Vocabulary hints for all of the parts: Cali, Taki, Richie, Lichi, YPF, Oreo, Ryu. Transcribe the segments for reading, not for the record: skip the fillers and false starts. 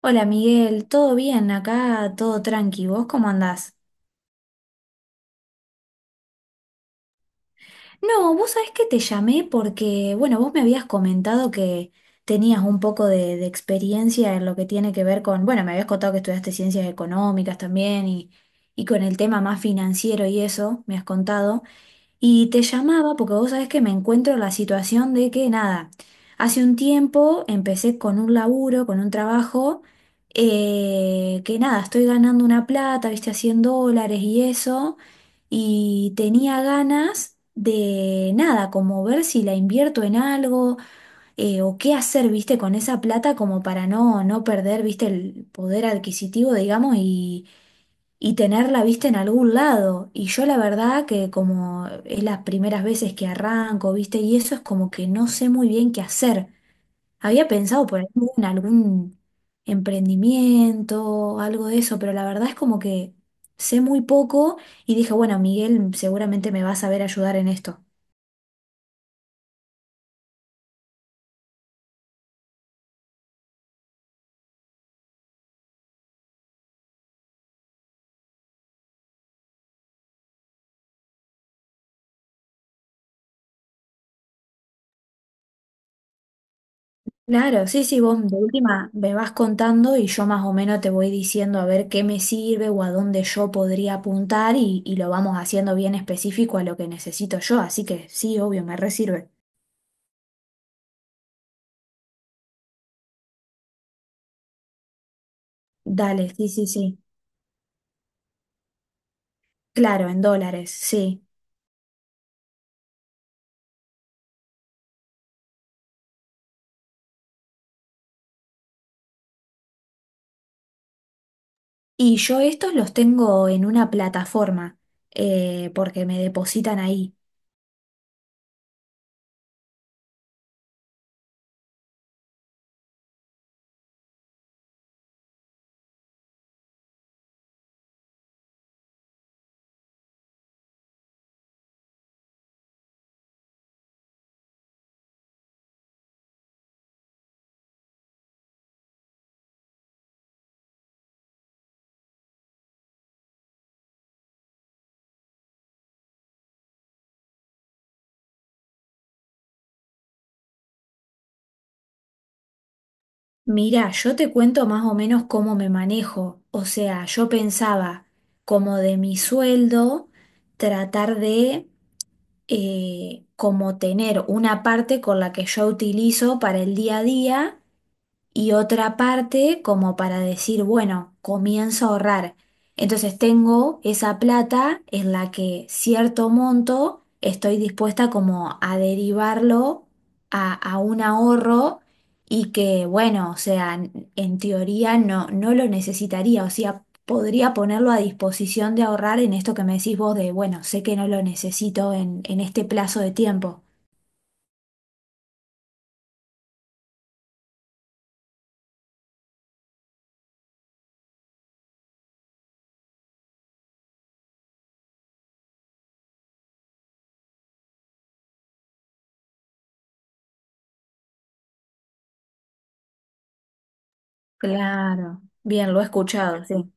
Hola Miguel, ¿todo bien? Acá todo tranqui, ¿vos cómo andás? No, vos sabés que te llamé porque, bueno, vos me habías comentado que tenías un poco de experiencia en lo que tiene que ver con, bueno, me habías contado que estudiaste ciencias económicas también y con el tema más financiero y eso, me has contado. Y te llamaba porque vos sabés que me encuentro en la situación de que nada, hace un tiempo empecé con un trabajo, que nada, estoy ganando una plata, viste, a $100 y eso, y tenía ganas de nada, como ver si la invierto en algo, o qué hacer, viste, con esa plata como para no perder, viste, el poder adquisitivo, digamos, y tenerla vista en algún lado. Y yo la verdad que como es las primeras veces que arranco, viste, y eso es como que no sé muy bien qué hacer. Había pensado por ahí en algún emprendimiento, algo de eso, pero la verdad es como que sé muy poco y dije, bueno, Miguel seguramente me va a saber ayudar en esto. Claro, sí, sí, vos de última me vas contando y yo más o menos te voy diciendo a ver qué me sirve o a dónde yo podría apuntar y lo vamos haciendo bien específico a lo que necesito yo, así que sí, obvio, me resirve. Dale, sí, sí, sí. Claro, en dólares, sí. Y yo estos los tengo en una plataforma porque me depositan ahí. Mira, yo te cuento más o menos cómo me manejo. O sea, yo pensaba como de mi sueldo tratar de como tener una parte con la que yo utilizo para el día a día y otra parte como para decir, bueno, comienzo a ahorrar. Entonces tengo esa plata en la que cierto monto estoy dispuesta como a derivarlo a un ahorro y que, bueno, o sea, en teoría no lo necesitaría, o sea, podría ponerlo a disposición de ahorrar en esto que me decís vos de, bueno, sé que no lo necesito en este plazo de tiempo. Claro, bien, lo he escuchado, sí.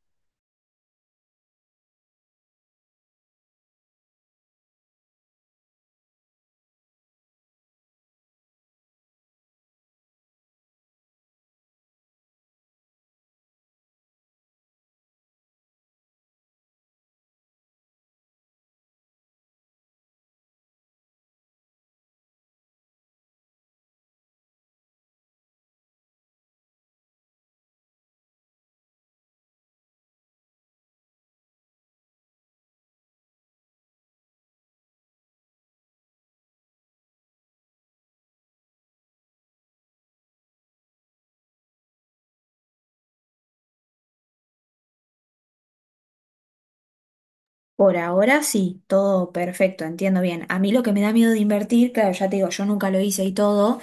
Por ahora sí, todo perfecto, entiendo bien. A mí lo que me da miedo de invertir, claro, ya te digo, yo nunca lo hice y todo,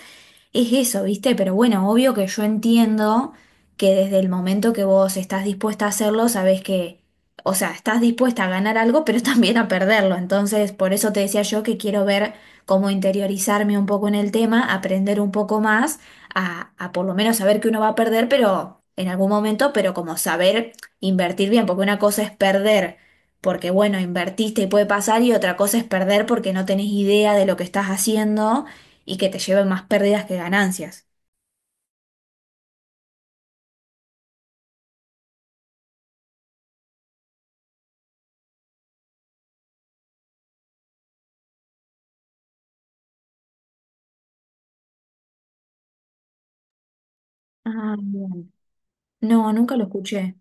es eso, ¿viste? Pero bueno, obvio que yo entiendo que desde el momento que vos estás dispuesta a hacerlo, sabés que, o sea, estás dispuesta a ganar algo, pero también a perderlo. Entonces, por eso te decía yo que quiero ver cómo interiorizarme un poco en el tema, aprender un poco más, a por lo menos saber que uno va a perder, pero en algún momento, pero como saber invertir bien, porque una cosa es perder. Porque bueno, invertiste y puede pasar y otra cosa es perder porque no tenés idea de lo que estás haciendo y que te lleve más pérdidas que ganancias. Ah, bien. No, nunca lo escuché.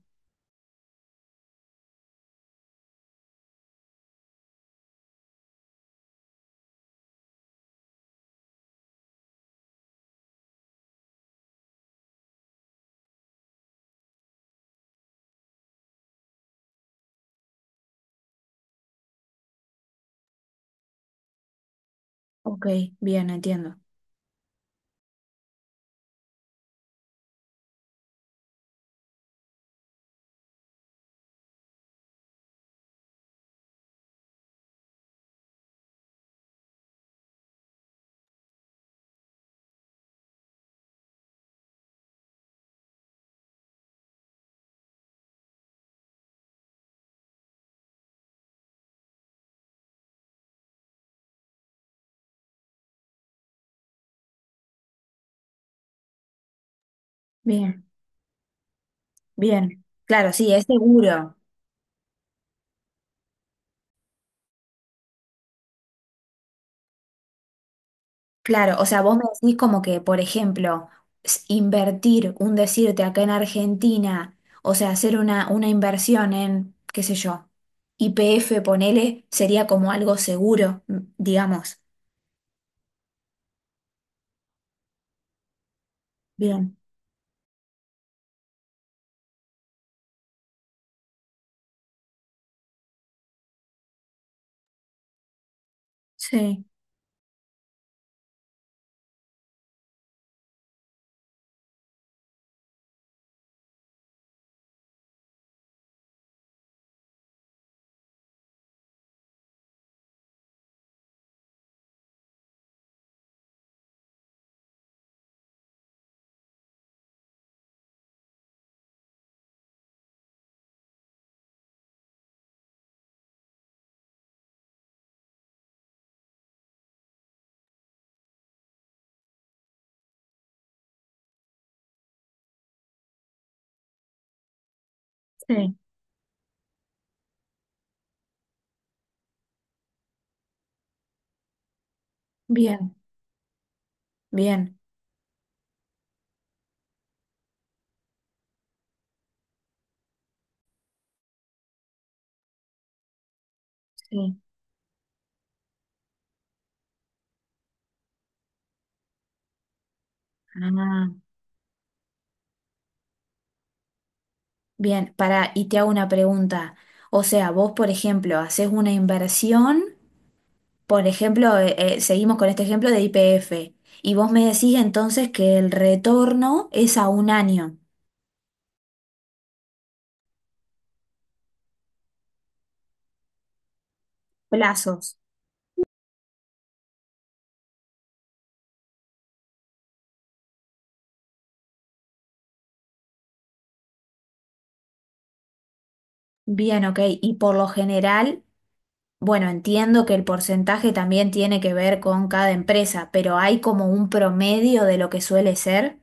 Ok, bien, entiendo. Bien, bien. Claro, sí, es seguro. Claro, o sea, vos me decís como que, por ejemplo, invertir, un decirte acá en Argentina, o sea, hacer una inversión en, qué sé yo, YPF, ponele, sería como algo seguro, digamos. Bien, sí, sí, bien, bien, sí. Ah. Bien, para, y te hago una pregunta. O sea, vos, por ejemplo, haces una inversión, por ejemplo, seguimos con este ejemplo de YPF, y vos me decís entonces que el retorno es a un año, plazos. Bien, ok, y por lo general, bueno, entiendo que el porcentaje también tiene que ver con cada empresa, pero hay como un promedio de lo que suele ser.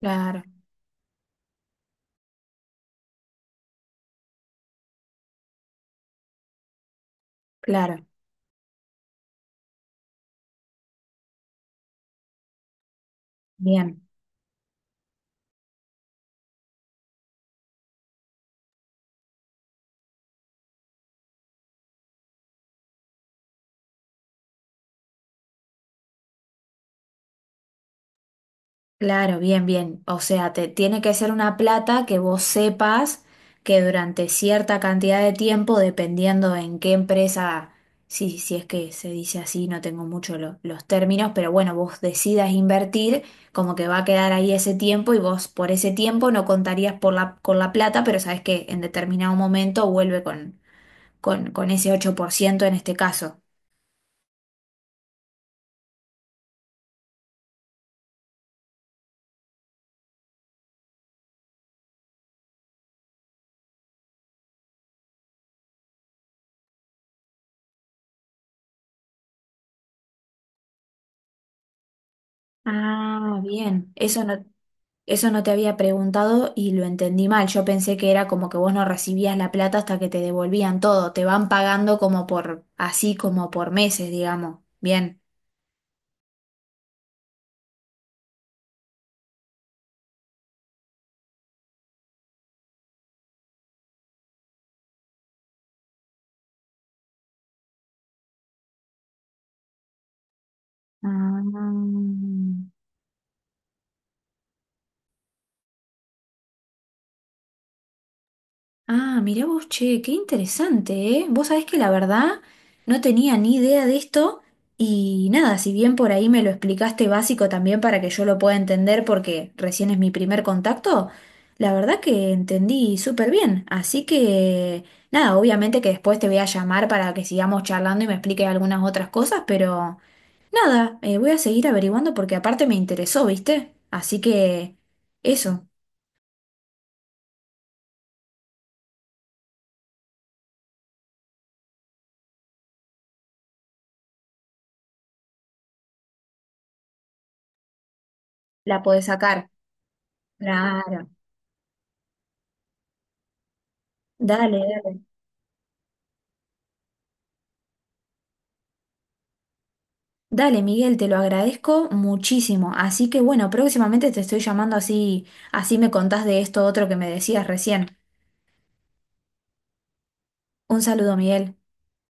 Claro, claro, bien. Claro, bien, bien. O sea, te tiene que ser una plata que vos sepas que durante cierta cantidad de tiempo, dependiendo en qué empresa, sí, si es que se dice así, no tengo mucho los términos, pero bueno, vos decidas invertir, como que va a quedar ahí ese tiempo y vos por ese tiempo no contarías con la plata, pero sabes que en determinado momento vuelve con ese 8% en este caso. Ah, bien. Eso no. Eso no te había preguntado y lo entendí mal. Yo pensé que era como que vos no recibías la plata hasta que te devolvían todo. Te van pagando así como por meses, digamos. Bien. Ah. Ah, mirá vos, che, qué interesante, ¿eh? Vos sabés que la verdad no tenía ni idea de esto y nada, si bien por ahí me lo explicaste básico también para que yo lo pueda entender porque recién es mi primer contacto, la verdad que entendí súper bien. Así que nada, obviamente que después te voy a llamar para que sigamos charlando y me expliques algunas otras cosas, pero nada, voy a seguir averiguando porque aparte me interesó, ¿viste? Así que eso, la podés sacar. Claro. Dale, dale. Dale, Miguel, te lo agradezco muchísimo. Así que bueno, próximamente te estoy llamando así, así me contás de esto otro que me decías recién. Un saludo, Miguel.